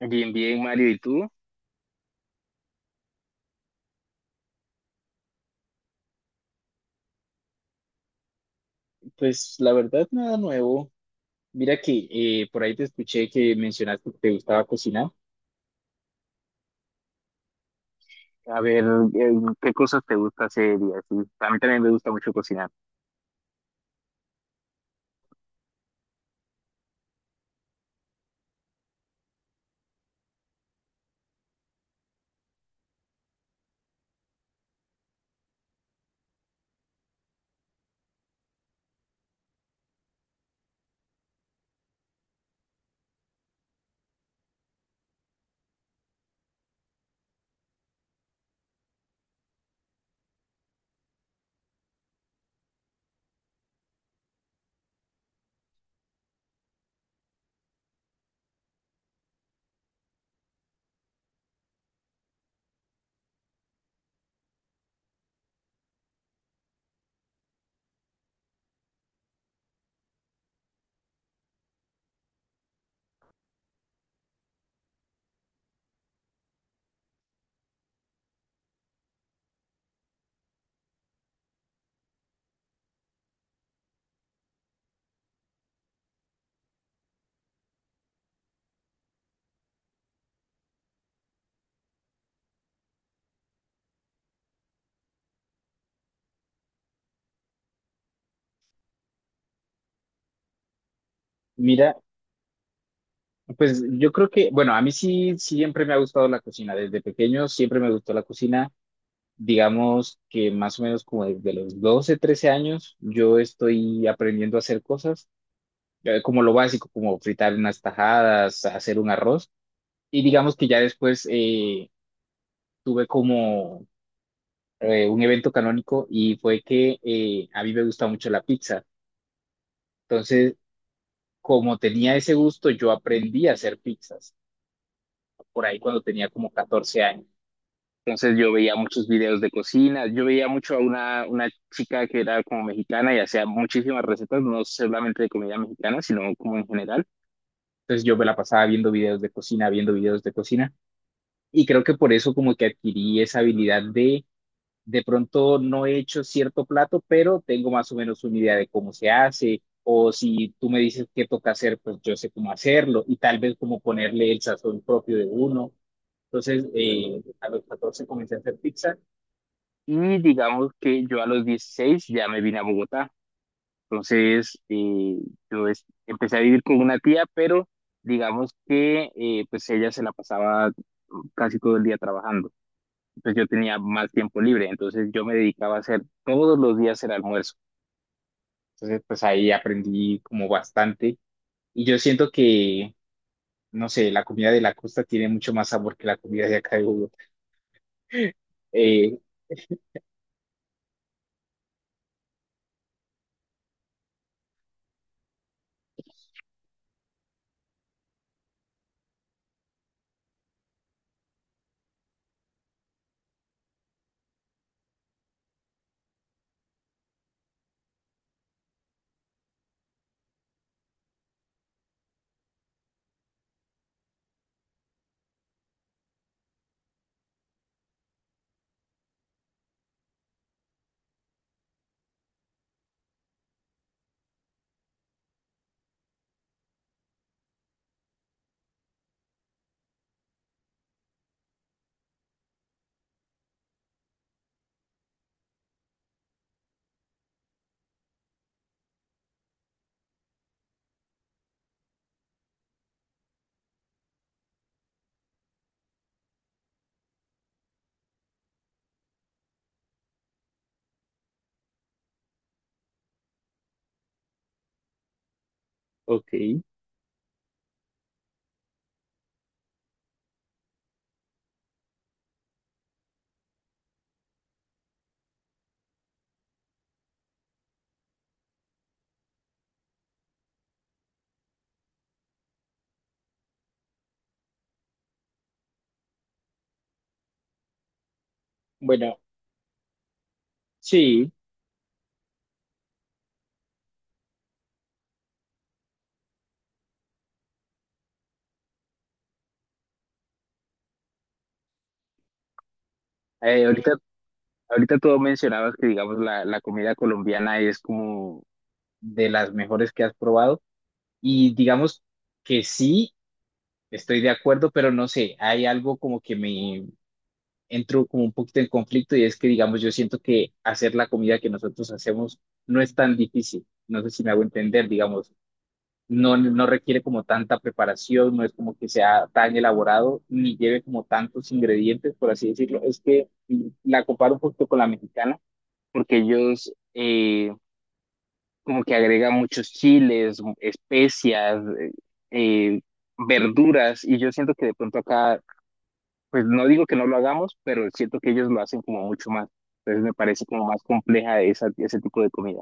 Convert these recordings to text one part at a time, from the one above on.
Bien, bien, Mario, ¿y tú? Pues la verdad, nada nuevo. Mira que por ahí te escuché que mencionaste que te gustaba cocinar. A ver, eh, ¿qué cosas te gusta hacer y así? A mí también me gusta mucho cocinar. Mira, pues yo creo que, bueno, a mí sí siempre me ha gustado la cocina. Desde pequeño siempre me gustó la cocina. Digamos que más o menos como desde los 12 13 años, yo estoy aprendiendo a hacer cosas, como lo básico, como fritar unas tajadas, hacer un arroz. Y digamos que ya después, tuve como un evento canónico y fue que a mí me gusta mucho la pizza. Entonces, como tenía ese gusto, yo aprendí a hacer pizzas por ahí cuando tenía como 14 años. Entonces yo veía muchos videos de cocina, yo veía mucho a una chica que era como mexicana y hacía muchísimas recetas, no solamente de comida mexicana, sino como en general. Entonces yo me la pasaba viendo videos de cocina, viendo videos de cocina y creo que por eso como que adquirí esa habilidad de pronto no he hecho cierto plato, pero tengo más o menos una idea de cómo se hace, o si tú me dices qué toca hacer, pues yo sé cómo hacerlo, y tal vez cómo ponerle el sazón propio de uno. Entonces, a los 14 comencé a hacer pizza y digamos que yo a los 16 ya me vine a Bogotá. Entonces, empecé a vivir con una tía, pero digamos que pues ella se la pasaba casi todo el día trabajando, pues yo tenía más tiempo libre, entonces yo me dedicaba a hacer todos los días el almuerzo. Entonces, pues ahí aprendí como bastante y yo siento que, no sé, la comida de la costa tiene mucho más sabor que la comida de acá de Bogotá. Eh, ok, bueno, sí, ahorita, ahorita tú mencionabas que, digamos, la comida colombiana es como de las mejores que has probado y digamos que sí, estoy de acuerdo, pero no sé, hay algo como que me entro como un poquito en conflicto y es que, digamos, yo siento que hacer la comida que nosotros hacemos no es tan difícil. No sé si me hago entender, digamos, no requiere como tanta preparación, no es como que sea tan elaborado, ni lleve como tantos ingredientes, por así decirlo. Es que la comparo un poquito con la mexicana, porque ellos como que agregan muchos chiles, especias, eh, verduras, y yo siento que de pronto acá pues no digo que no lo hagamos, pero siento que ellos lo hacen como mucho más. Entonces me parece como más compleja esa, ese tipo de comida.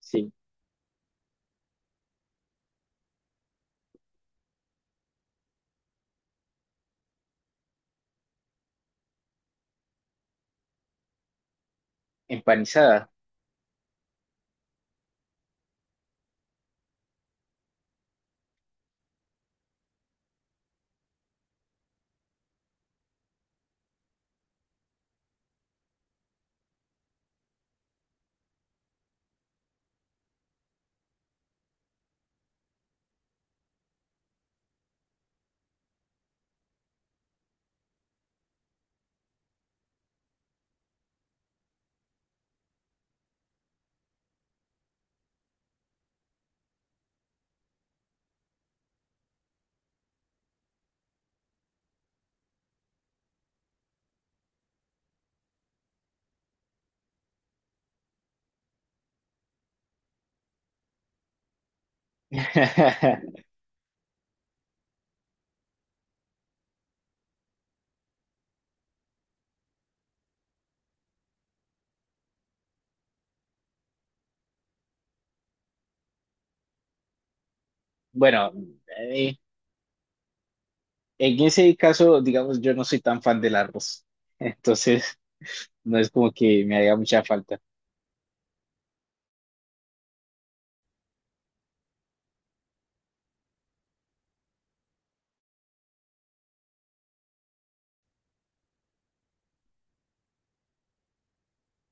Sí, empanizada. Bueno, eh, en ese caso, digamos, yo no soy tan fan del arroz, entonces no es como que me haga mucha falta.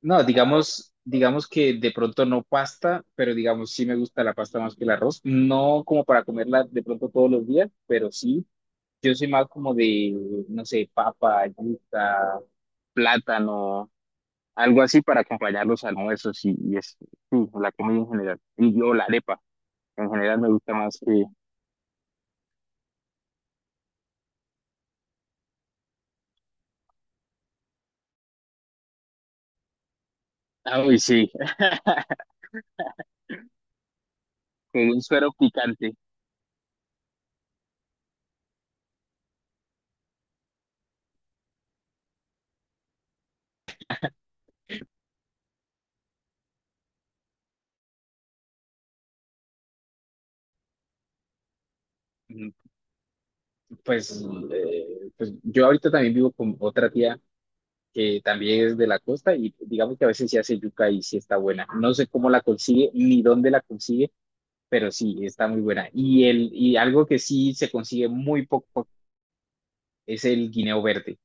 No, digamos, digamos que de pronto no pasta, pero digamos sí me gusta la pasta más que el arroz. No como para comerla de pronto todos los días, pero sí. Yo soy más como de, no sé, papa, yuca, plátano, algo así para acompañar los almuerzos y es, sí, la comida en general. Y yo la arepa, en general me gusta más que... Ah, uy, sí, con un suero picante. Mm, Pues, pues yo ahorita también vivo con otra tía que también es de la costa y digamos que a veces sí hace yuca y sí está buena. No sé cómo la consigue ni dónde la consigue, pero sí está muy buena. Y, el, y algo que sí se consigue muy poco es el guineo verde.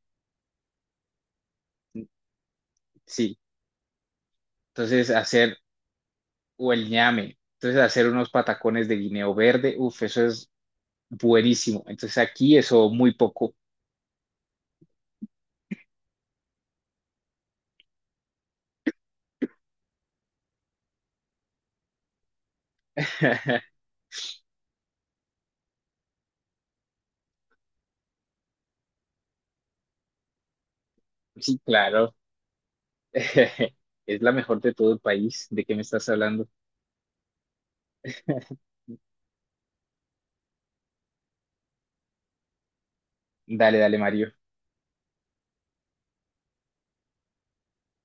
Sí, entonces hacer o el ñame. Entonces, hacer unos patacones de guineo verde, uff, eso es buenísimo. Entonces, aquí eso muy poco. Sí, claro. Es la mejor de todo el país. ¿De qué me estás hablando? Dale, dale, Mario.